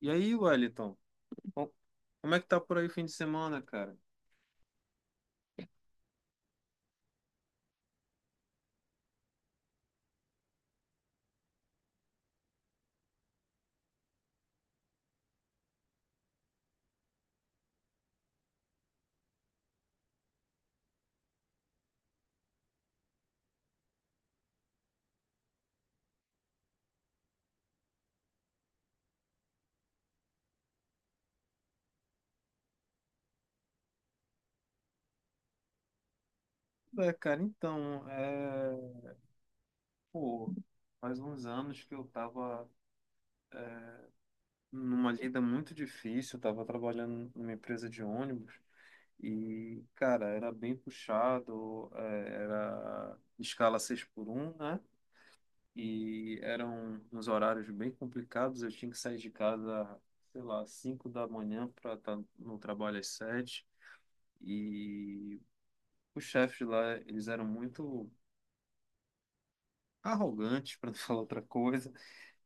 E aí, Wellington, co- como é que tá por aí o fim de semana, cara? É, cara, então, é... Pô, faz uns anos que eu tava numa lida muito difícil, eu tava trabalhando numa empresa de ônibus e, cara, era bem puxado, era escala 6 por um, né? E eram uns horários bem complicados, eu tinha que sair de casa, sei lá, 5 da manhã para estar no trabalho às 7 E Os chefes lá, eles eram muito arrogantes, para não falar outra coisa,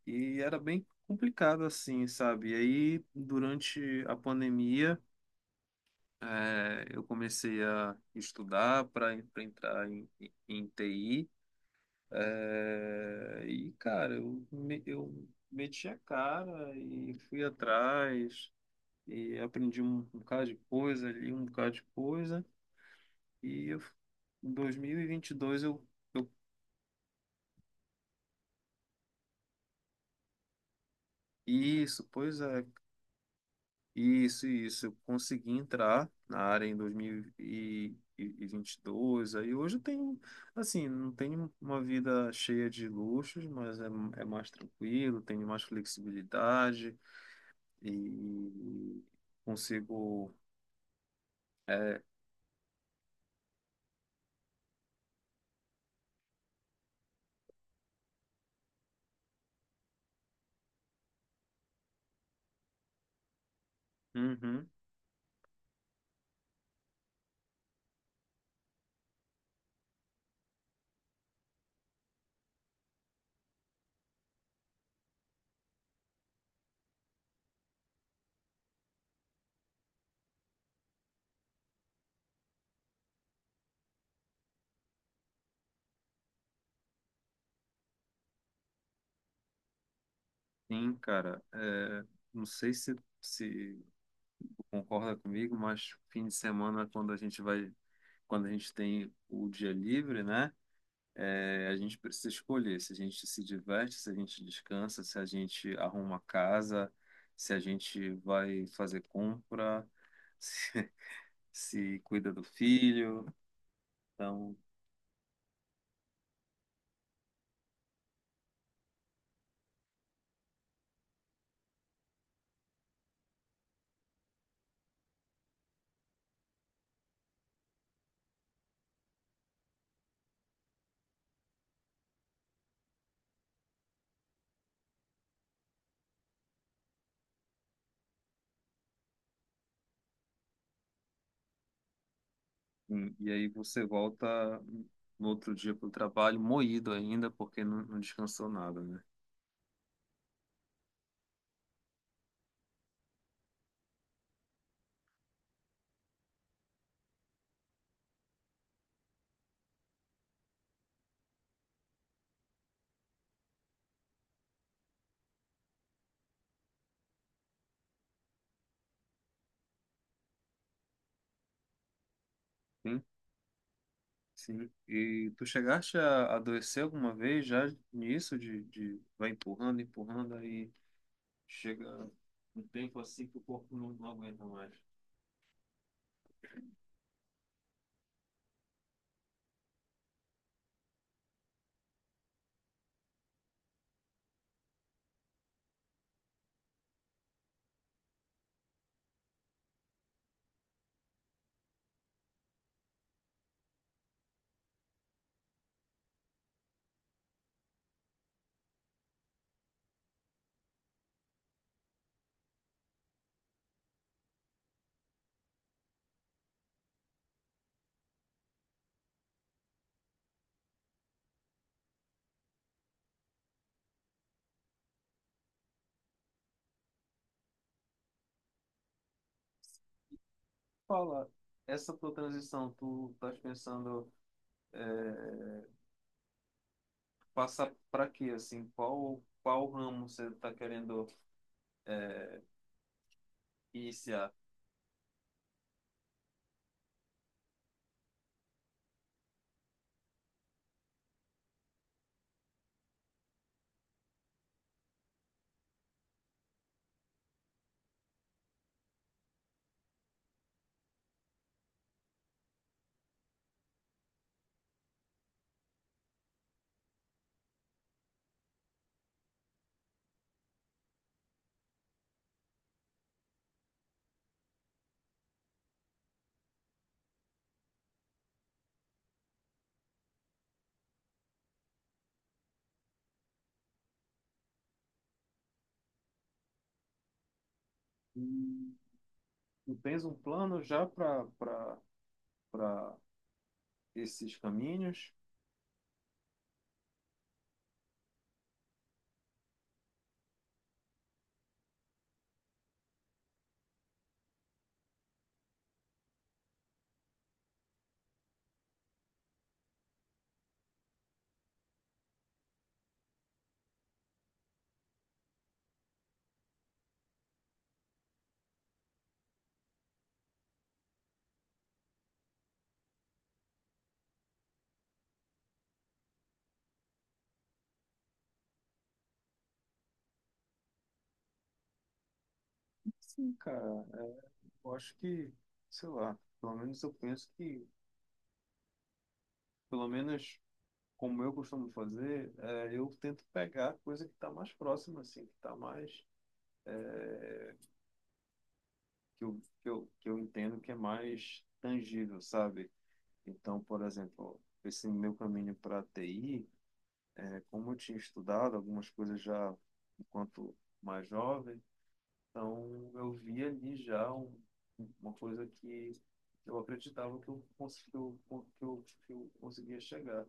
e era bem complicado assim, sabe? E aí, durante a pandemia, eu comecei a estudar para entrar em, em TI, e, cara, eu meti a cara e fui atrás, e aprendi um bocado de coisa ali, um bocado de coisa, e eu, em 2022 eu isso, pois é. Isso, isso. Eu consegui entrar na área em 2022. Aí hoje eu tenho, assim, não tenho uma vida cheia de luxos, mas é mais tranquilo, tenho mais flexibilidade e consigo. É, uhum, sim, cara. Não sei se tu concorda comigo, mas fim de semana, quando a gente vai, quando a gente tem o dia livre, né? É, a gente precisa escolher se a gente se diverte, se a gente descansa, se a gente arruma casa, se a gente vai fazer compra, se, se cuida do filho. Então, e aí você volta no outro dia para o trabalho moído ainda, porque não descansou nada, né? Sim, sim. E tu chegaste a adoecer alguma vez já nisso, de vai empurrando, empurrando, aí chega um tempo assim que o corpo não aguenta mais. Fala, essa tua transição, tu estás pensando é, passar para quê, assim, qual qual ramo você está querendo iniciar? E tu tens um plano já para esses caminhos? Sim, cara, é, eu acho que, sei lá, pelo menos eu penso que, pelo menos como eu costumo fazer, eu tento pegar a coisa que está mais próxima, assim, que está mais que eu entendo que é mais tangível, sabe? Então, por exemplo, esse meu caminho para TI, né, como eu tinha estudado algumas coisas já enquanto mais jovem, então eu vi ali uma coisa que eu acreditava que que eu conseguia chegar.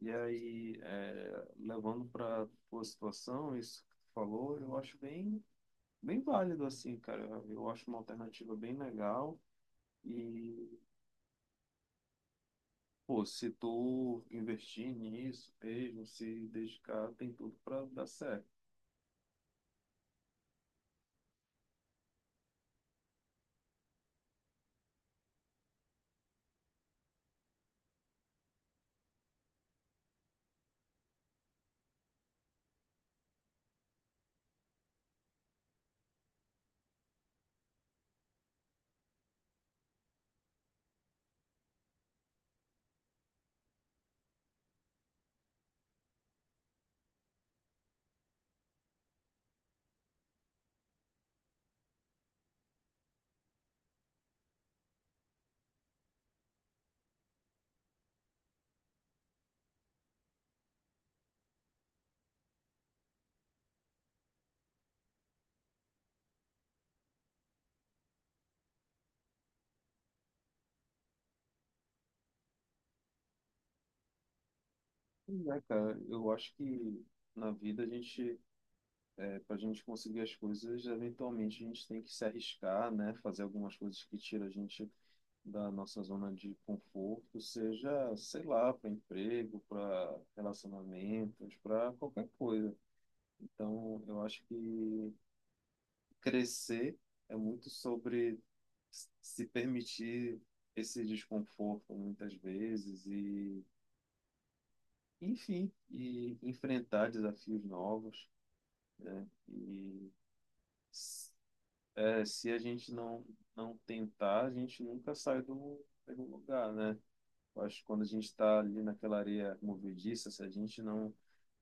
E aí, levando para a situação, isso que tu falou, bem válido, assim, cara. Eu acho uma alternativa bem legal. E pô, se tu investir nisso mesmo, se dedicar, tem tudo para dar certo. Pois é, cara, eu acho que na vida a gente, para a gente conseguir as coisas, eventualmente a gente tem que se arriscar, né? Fazer algumas coisas que tiram a gente da nossa zona de conforto, seja, sei lá, para emprego, para relacionamentos, para qualquer coisa. Então, eu acho que crescer é muito sobre se permitir esse desconforto muitas vezes enfim, e enfrentar desafios novos, né? Se a gente não tentar, a gente nunca sai do lugar, né? Eu acho que quando a gente está ali naquela areia movediça, se a gente não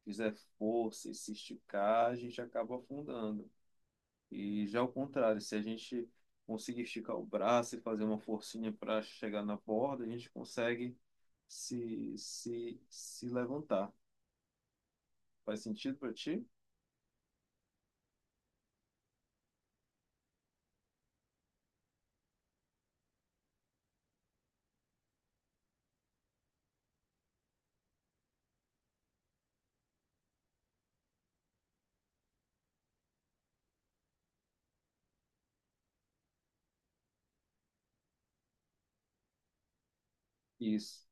fizer força e se esticar, a gente acaba afundando. E já ao contrário, se a gente conseguir esticar o braço e fazer uma forcinha para chegar na borda, a gente consegue se levantar. Faz sentido para ti? Isso,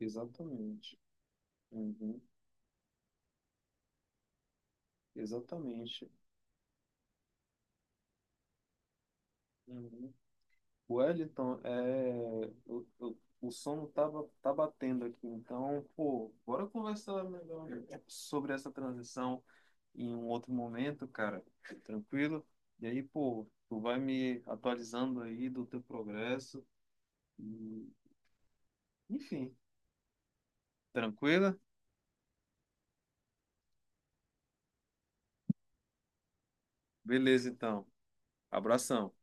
exatamente. Uhum, exatamente. Uhum. Wellington, é, o sono tá, tá batendo aqui, então, pô, bora conversar melhor sobre essa transição em um outro momento, cara, tranquilo. E aí, pô, tu vai me atualizando aí do teu progresso. E, enfim, tranquila? Beleza, então. Abração.